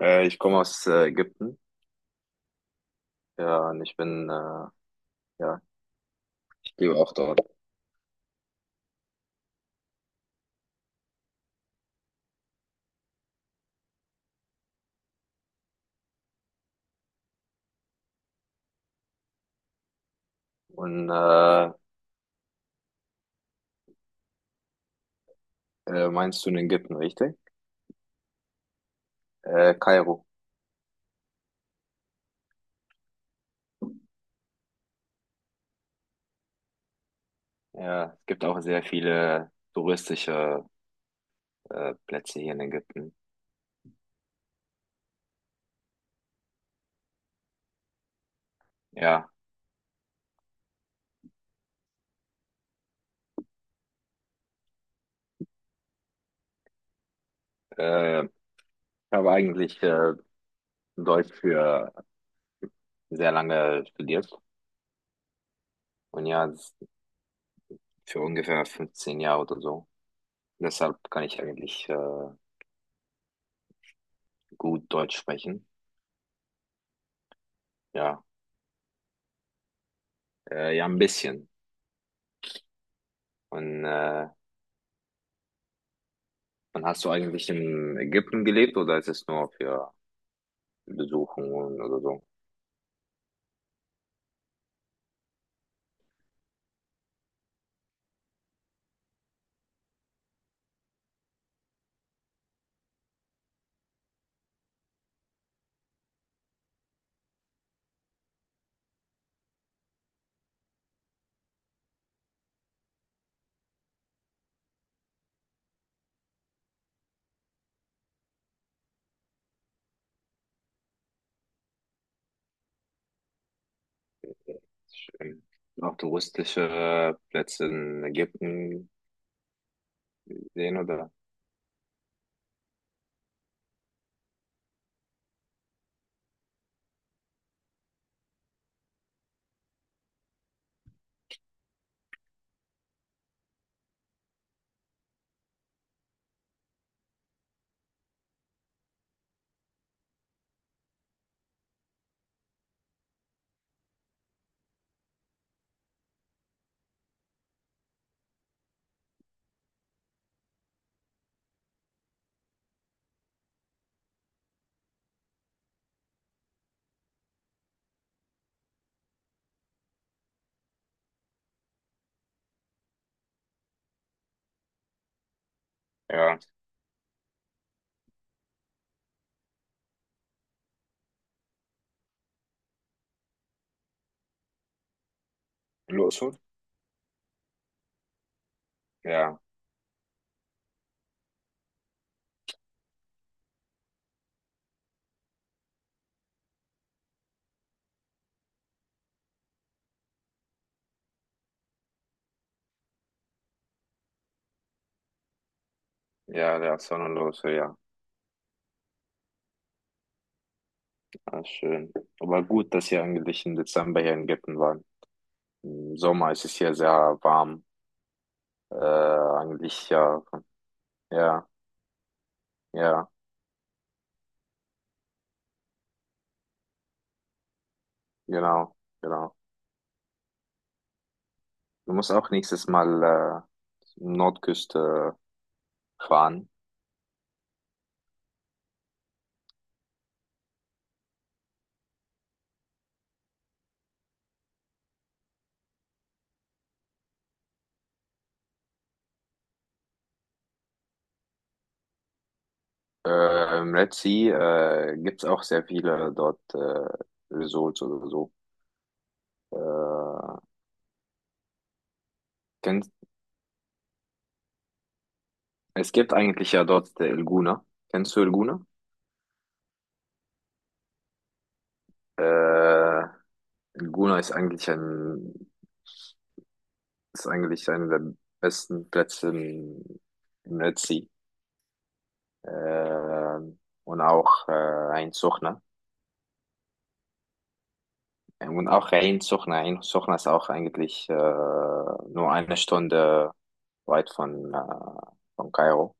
Ich komme aus Ägypten. Ja, und ich bin, ja, ich lebe auch dort. Und meinst du in Ägypten, richtig? Kairo. Ja, es gibt auch sehr viele touristische Plätze hier in Ägypten. Ja, ich habe eigentlich Deutsch für sehr lange studiert. Und ja, für ungefähr 15 Jahre oder so. Deshalb kann ich eigentlich gut Deutsch sprechen. Ja, ja, ein bisschen. Und äh, Und hast du eigentlich in Ägypten gelebt oder ist es nur für Besuchungen oder so? Ähm, Noch touristische Plätze in Ägypten sehen oder? Ja. Los. Ja, ja, ja, Sonnenlose, ja. Ah, schön. Aber gut, dass ihr eigentlich im Dezember hier in Ägypten waren. Im Sommer ist es hier sehr warm. Eigentlich, ja, ja, ja, genau, genau. Du musst auch nächstes Mal Nordküste fahren. Red Sea gibt's auch sehr viele dort Resorts oder so. Äh, kennst, es gibt eigentlich ja dort El Guna. Kennst du El Guna? Äh, El Guna ist eigentlich einer der besten Plätze im Red Sea. Äh, und auch Ein Suchna. Und auch ein Suchna. Ein Suchna ist auch eigentlich nur eine Stunde weit von Kairo.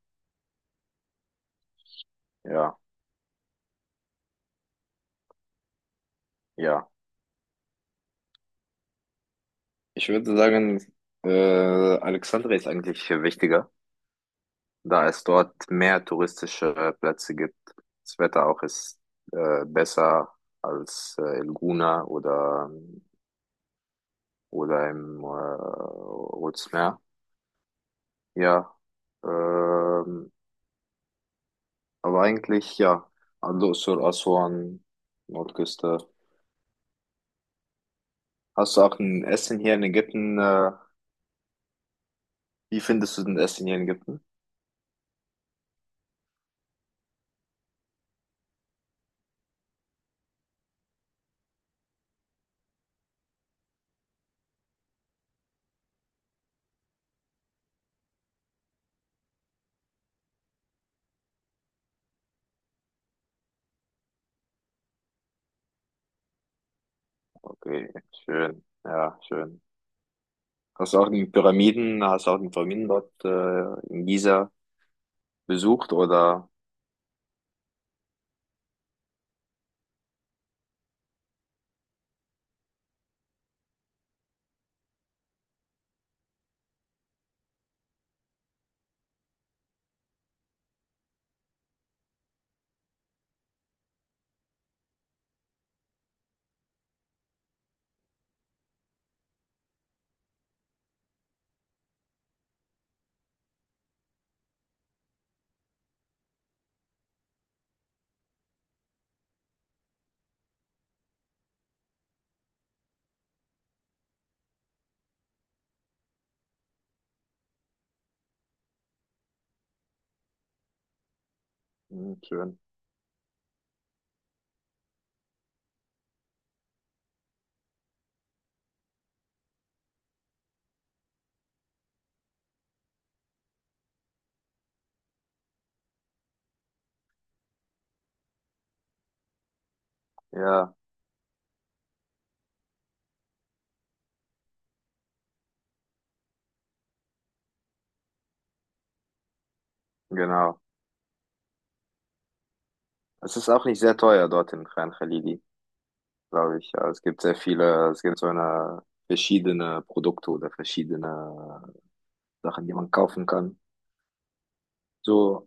Ja, ja. Ich würde sagen, äh, Alexandria ist eigentlich wichtiger, da es dort mehr touristische Plätze gibt. Das Wetter auch ist besser als in Guna oder im Rotes Meer. Ja, ähm, aber eigentlich ja, Al-Dursur, Aswan, Nordküste. Hast du auch ein Essen hier in Ägypten? Wie findest du denn Essen hier in Ägypten? Okay, schön. Ja, schön. Hast du auch die Pyramiden dort in Giza besucht oder? Hm, schön. Ja, genau. Es ist auch nicht sehr teuer dort in Khan Khalili, glaube ich. Ja, es gibt sehr viele, es gibt so eine verschiedene Produkte oder verschiedene Sachen, die man kaufen kann. So,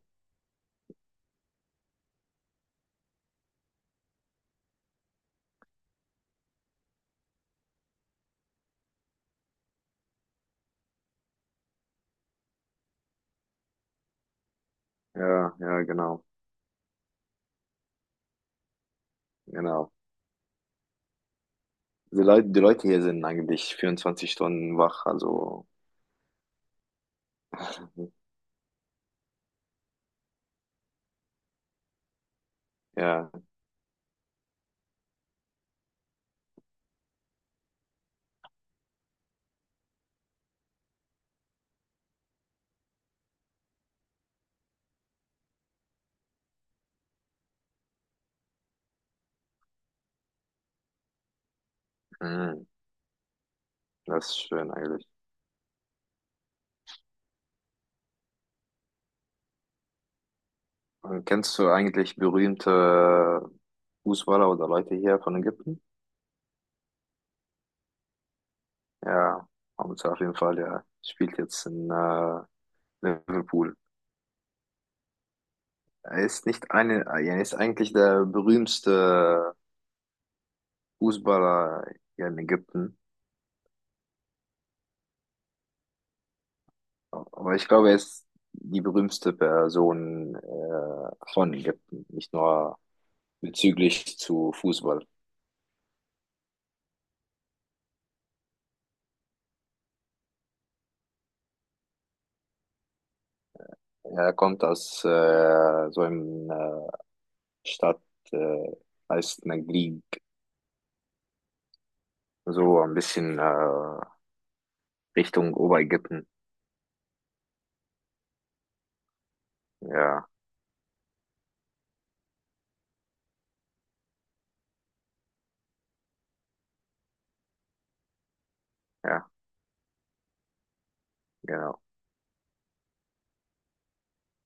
ja, ja, genau, genau. Die Leute hier sind eigentlich 24 Stunden wach, also ja, mhm. Das ist schön eigentlich. Kennst du eigentlich berühmte Fußballer oder Leute hier von Ägypten? Ja, Hamza auf jeden Fall, ja. Spielt jetzt in Liverpool. Er ist nicht eine, er ist eigentlich der berühmste Fußballer hier in Ägypten. Aber ich glaube, er ist die berühmteste Person von Ägypten, nicht nur bezüglich zu Fußball. Er kommt aus so einem Stadt, äh, heißt Naglib. So ein bisschen Richtung Oberägypten. Ja, ja, genau.